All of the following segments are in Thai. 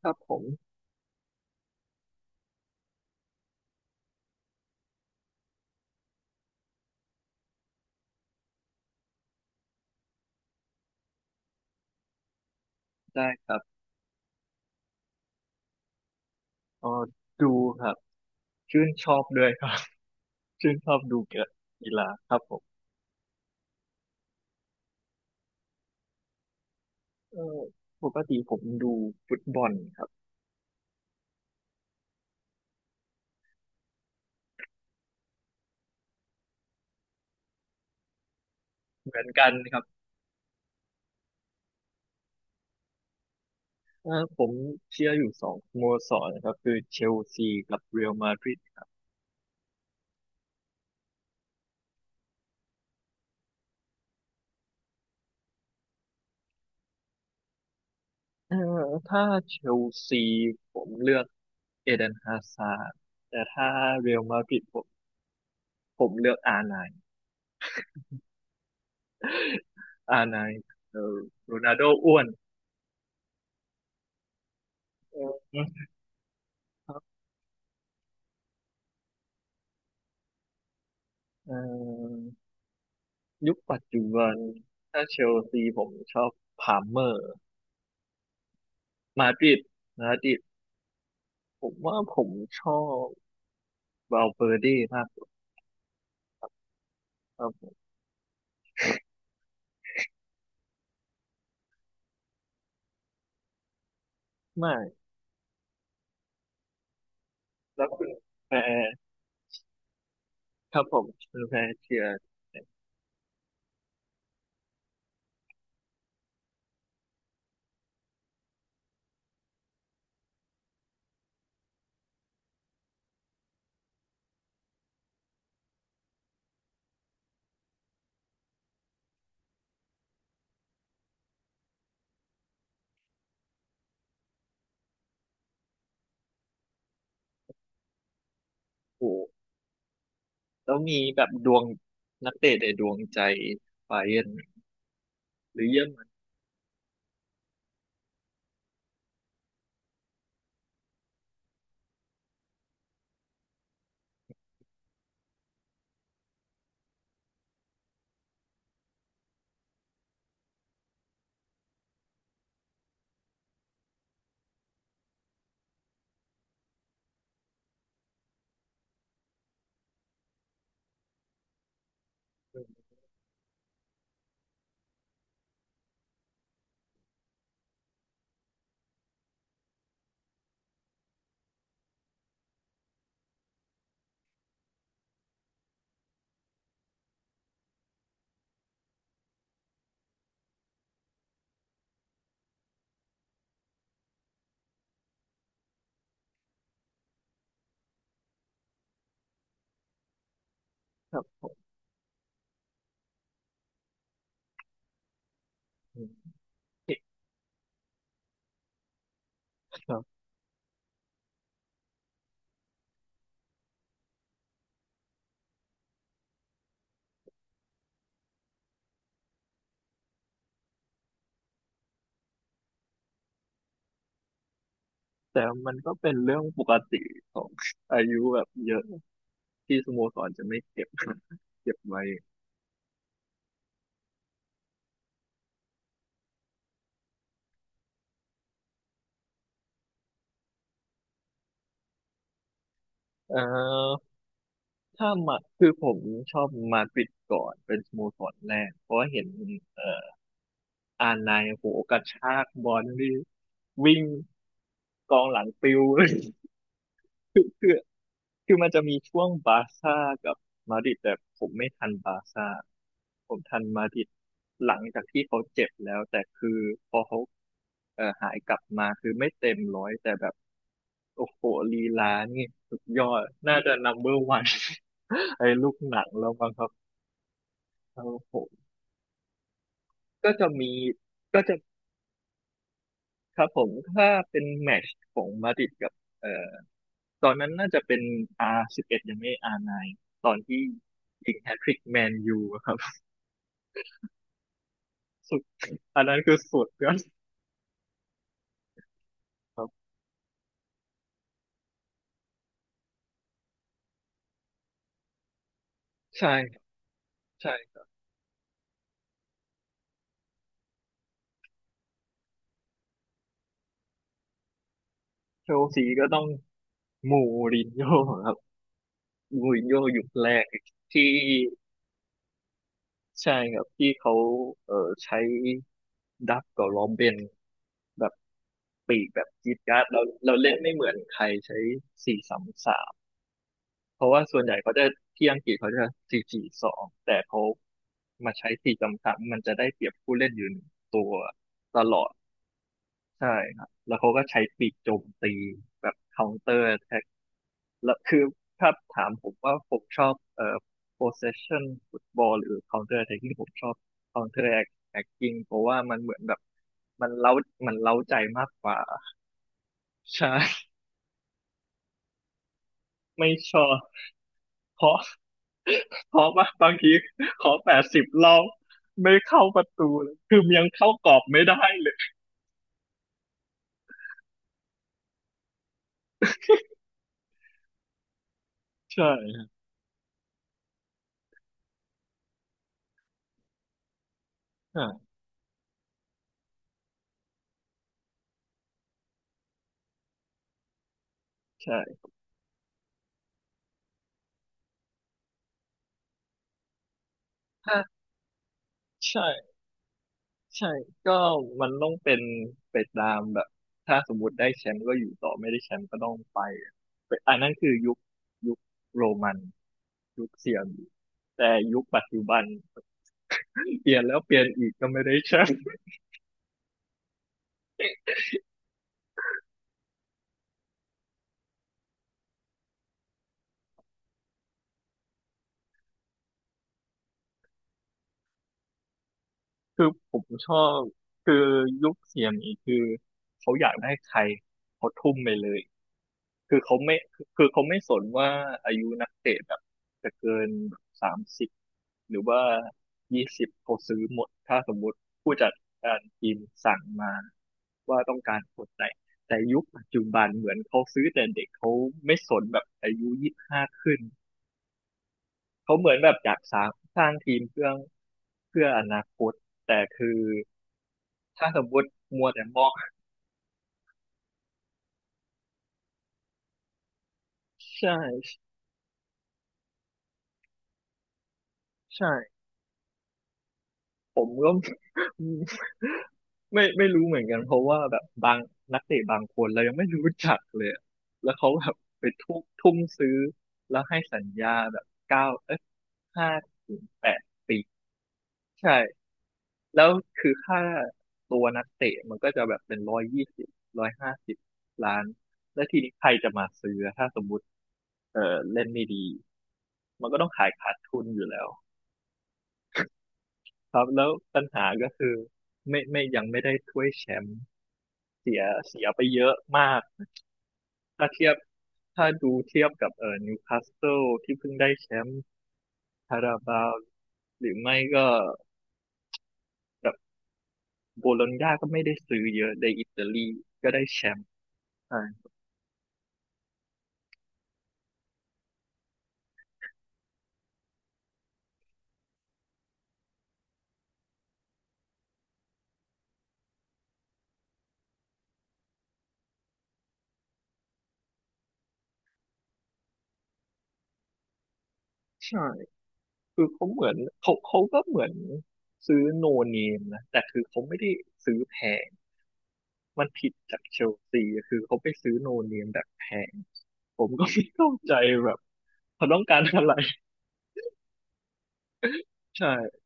ครับผมได้ครับเออดูครับชื่นชอบด้วยครับ ชื่นชอบดูกีฬาครับผมเออปกติผมดูฟุตบอลครับเหมือนกันครับผมเชียร์อยู่สองสโมสรนะครับคือเชลซีกับเรอัลมาดริดเออถ้าเชลซีผมเลือกเอเดนฮาซาร์ดแต่ถ้าเรอัลมาดริดผมเลือกอาร์ไนน์ อาร์ไนน์ เออโรนัลโดอ้วนเออครับเออ ยุคปัจจุบันถ้าเชลซีผมชอบพาล์มเมอร์มาดริดมาดริดผมว่าผมชอบวาลเวอร์เด้มากกว่าครับผมไม่แล้วคุณแพรครับผมคุณแพรเชียร์ถูกแล้วมีแบบดวงนักเตะในดวงใจไบาเยิร์นหรือเยอรมันครับผมอืมครับแต่มันก็เป็นเรื่องปกติของอายุแบบเยอะที่สโมสรจะไม่เก็บ เก็บไว้เออ ถ้ามาคือผมชอบมาดริดก่อนเป็นสโมสรแรกเพราะว่าเห็นเอ่ออานไนโหกระชากบอลนี่วิ่งกองหลังปิว คือคือคือมันจะมีช่วงบาร์ซ่ากับมาดริดแต่ผมไม่ทันบาร์ซ่าผมทันมาดริดหลังจากที่เขาเจ็บแล้วแต่คือพอเขาหายกลับมาคือไม่เต็มร้อยแต่แบบโอ้โหลีลานี่สุดยอดน่าจะนัมเบอร์วัน ไอ้ลูกหนังแล้วมั้งครับ ครับผมก็จะมีก็จะครับผมถ้าเป็นแมตช์ของมาดริดกับเอ่อตอนนั้นน่าจะเป็น R11 ยังไม่ R9 ตอนที่ยิงแฮตทริกแมนยูอะครับ สุดอันนั้นคือสุดยอดครับใช่ครับใช่ครับเชลซีก็ต้องมูรินโญ่ครับมูรินโญ่ยุคแรกที่ใช่ครับที่เขาเอ่อใช้ดับกับโรเบนแบบปีกแบบจี๊ดจ๊าดเราเล่นไม่เหมือนใครใช้4-3-3 เพราะว่าส่วนใหญ่เขาจะที่อังกฤษเขาจะ4-4-2แต่เขามาใช้4-3-3มันจะได้เปรียบผู้เล่นอยู่หนึ่งตัวตลอดใช่ครับแล้วเขาก็ใช้ปีกโจมตีแบบ c ค u n t เตอร์แท็กแล้วคือถ้าถามผมว่าผมชอบpossession football หรือ counter attacking ผมชอบ counter attacking เพราะว่ามันเหมือนแบบมันเล้ามันเล้าใจมากกว่าใช่ ไม่ชอบเพราะ เพราะว่า บางทีขอ80 รอบไม่เข้าประตูเลยคือมยังเข้ากรอบไม่ได้เลยใช่อ่าใช่ถ้าใช่ใช่ก็มันต้องเป็นไปตามแบบถ้าสมมติได้แชมป์ก็อยู่ต่อไม่ได้แชมป์ก็ต้องไปไปอันนั้นคือยุคโรมันยุคเซียมแต่ยุคปัจจุบันเปลี่ยนแล้วเปลี่ยนอีกก็ไม่ได้แชมป์ คือผมชอบคือยุคเซียมอีกคือเขาอยากได้ใครเขาทุ่มไปเลย คือเขาไม่คือเขาไม่สนว่าอายุนักเตะแบบจะเกิน30หรือว่ายี่สิบเขาซื้อหมดถ้าสมมุติผู้จัดการทีมสั่งมาว่าต้องการคนไหนแต่ยุคปัจจุบันเหมือนเขาซื้อแต่เด็กเขาไม่สนแบบอายุ25ขึ้นเขาเหมือนแบบอยากสร้างทีมเพื่ออนาคตแต่คือถ้าสมมติมัวแต่มองใช่ใช่ ผมก็ ไม่รู้เหมือนกันเพราะว่าแบบบางนักเตะบางคนเรายังไม่รู้จักเลยอะแล้วเขาแบบไปทุ่มซื้อแล้วให้สัญญาแบบเก้าเอ้ย5 ถึง 8 ปีใช่แล้วคือค่าตัวนักเตะมันก็จะแบบเป็น120150 ล้านแล้วทีนี้ใครจะมาซื้อถ้าสมมติเออเล่นไม่ดีมันก็ต้องขายขาดทุนอยู่แล้ว ครับแล้วปัญหาก็คือไม่ยังไม่ได้ถ้วยแชมป์เสียเสียไปเยอะมากถ้าเทียบถ้าดูเทียบกับนิวคาสเซิลที่เพิ่งได้แชมป์คาราบาวหรือไม่ก็แบบโบโลญญาก็ไม่ได้ซื้อเยอะในอิตาลีก็ได้แชมป์ใช่ใช่คือเขาเหมือนเขาก็เหมือนซื้อโนเนมนะแต่คือเขาไม่ได้ซื้อแพงมันผิดจากเชลซีคือเขาไปซื้อโนเนมแบบแพงผมก็ไม่เข้าใจแบบเขาต้องการอะไร ใช่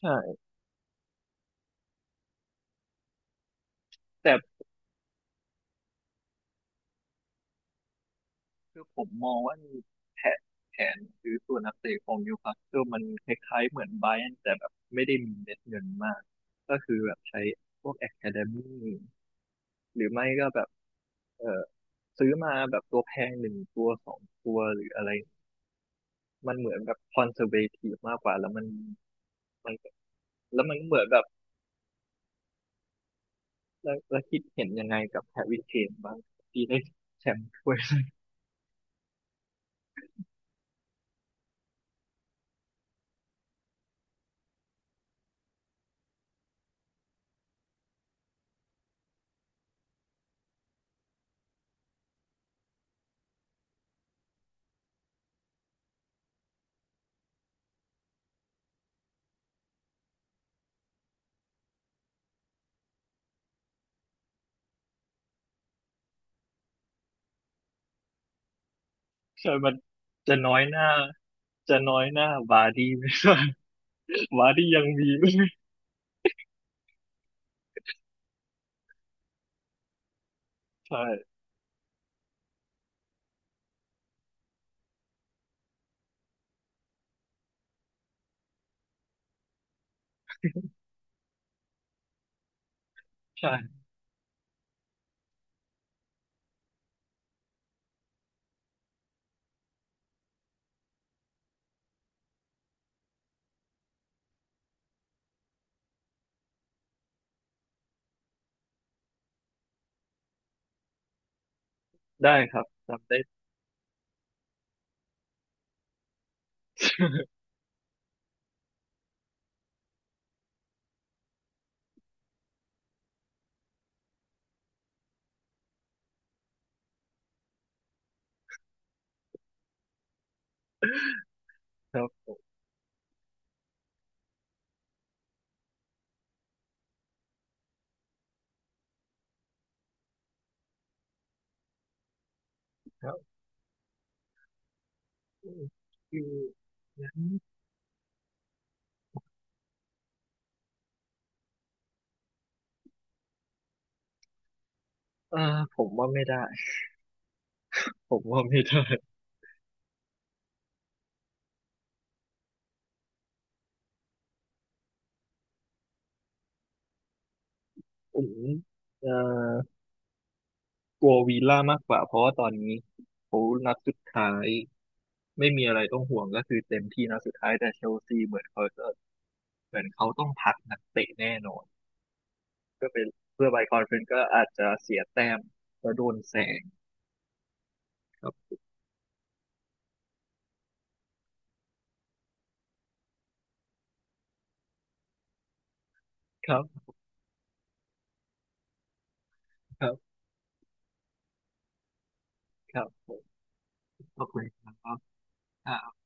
ใช่แต่คือผมมองว่าแผนแผนซื้อตัวนักเตะของนิวคาสเซิลมันคล้ายๆเหมือนไบรอันแต่แบบไม่ได้มีเม็ดเงินมากก็คือแบบใช้พวก a อ a d เดมี่หรือไม่ก็แบบเออซื้อมาแบบตัวแพงหนึ่งตัวสองตัวหรืออะไรมันเหมือนแบบคอนเซอร์เวทีฟมากกว่าแล้วมันมันแล้วมันเหมือนแบบแล้วแล้วคิดเห็นยังไงกับแฮร์รี่เคนบ้างที่ได้แชมป์ ถ้วยใช่มันจะน้อยหน้าจะน้อยหน้าบาร์ดี้ไหม หมาที่ยังมี ใช่ใช่ได้ครับจำได้ครับผมครับคืองั้นเอ่อผมว่าไม่ได้ ผมว่าไม่ได้ผมเอ่อกลัววีล่ามากกว่าเพราะว่าตอนนี้เขานัดสุดท้ายไม่มีอะไรต้องห่วงก็คือเต็มที่นัดสุดท้ายแต่เชลซีเหมือนเขาต้องพักนักเตะแน่นอนก็เป็นเพื่อไปคอนเฟอเรนซ์ก็อาจจะเสียแต้มแล้วโดนแซงครับครับครับครับผมขอบคุณครับ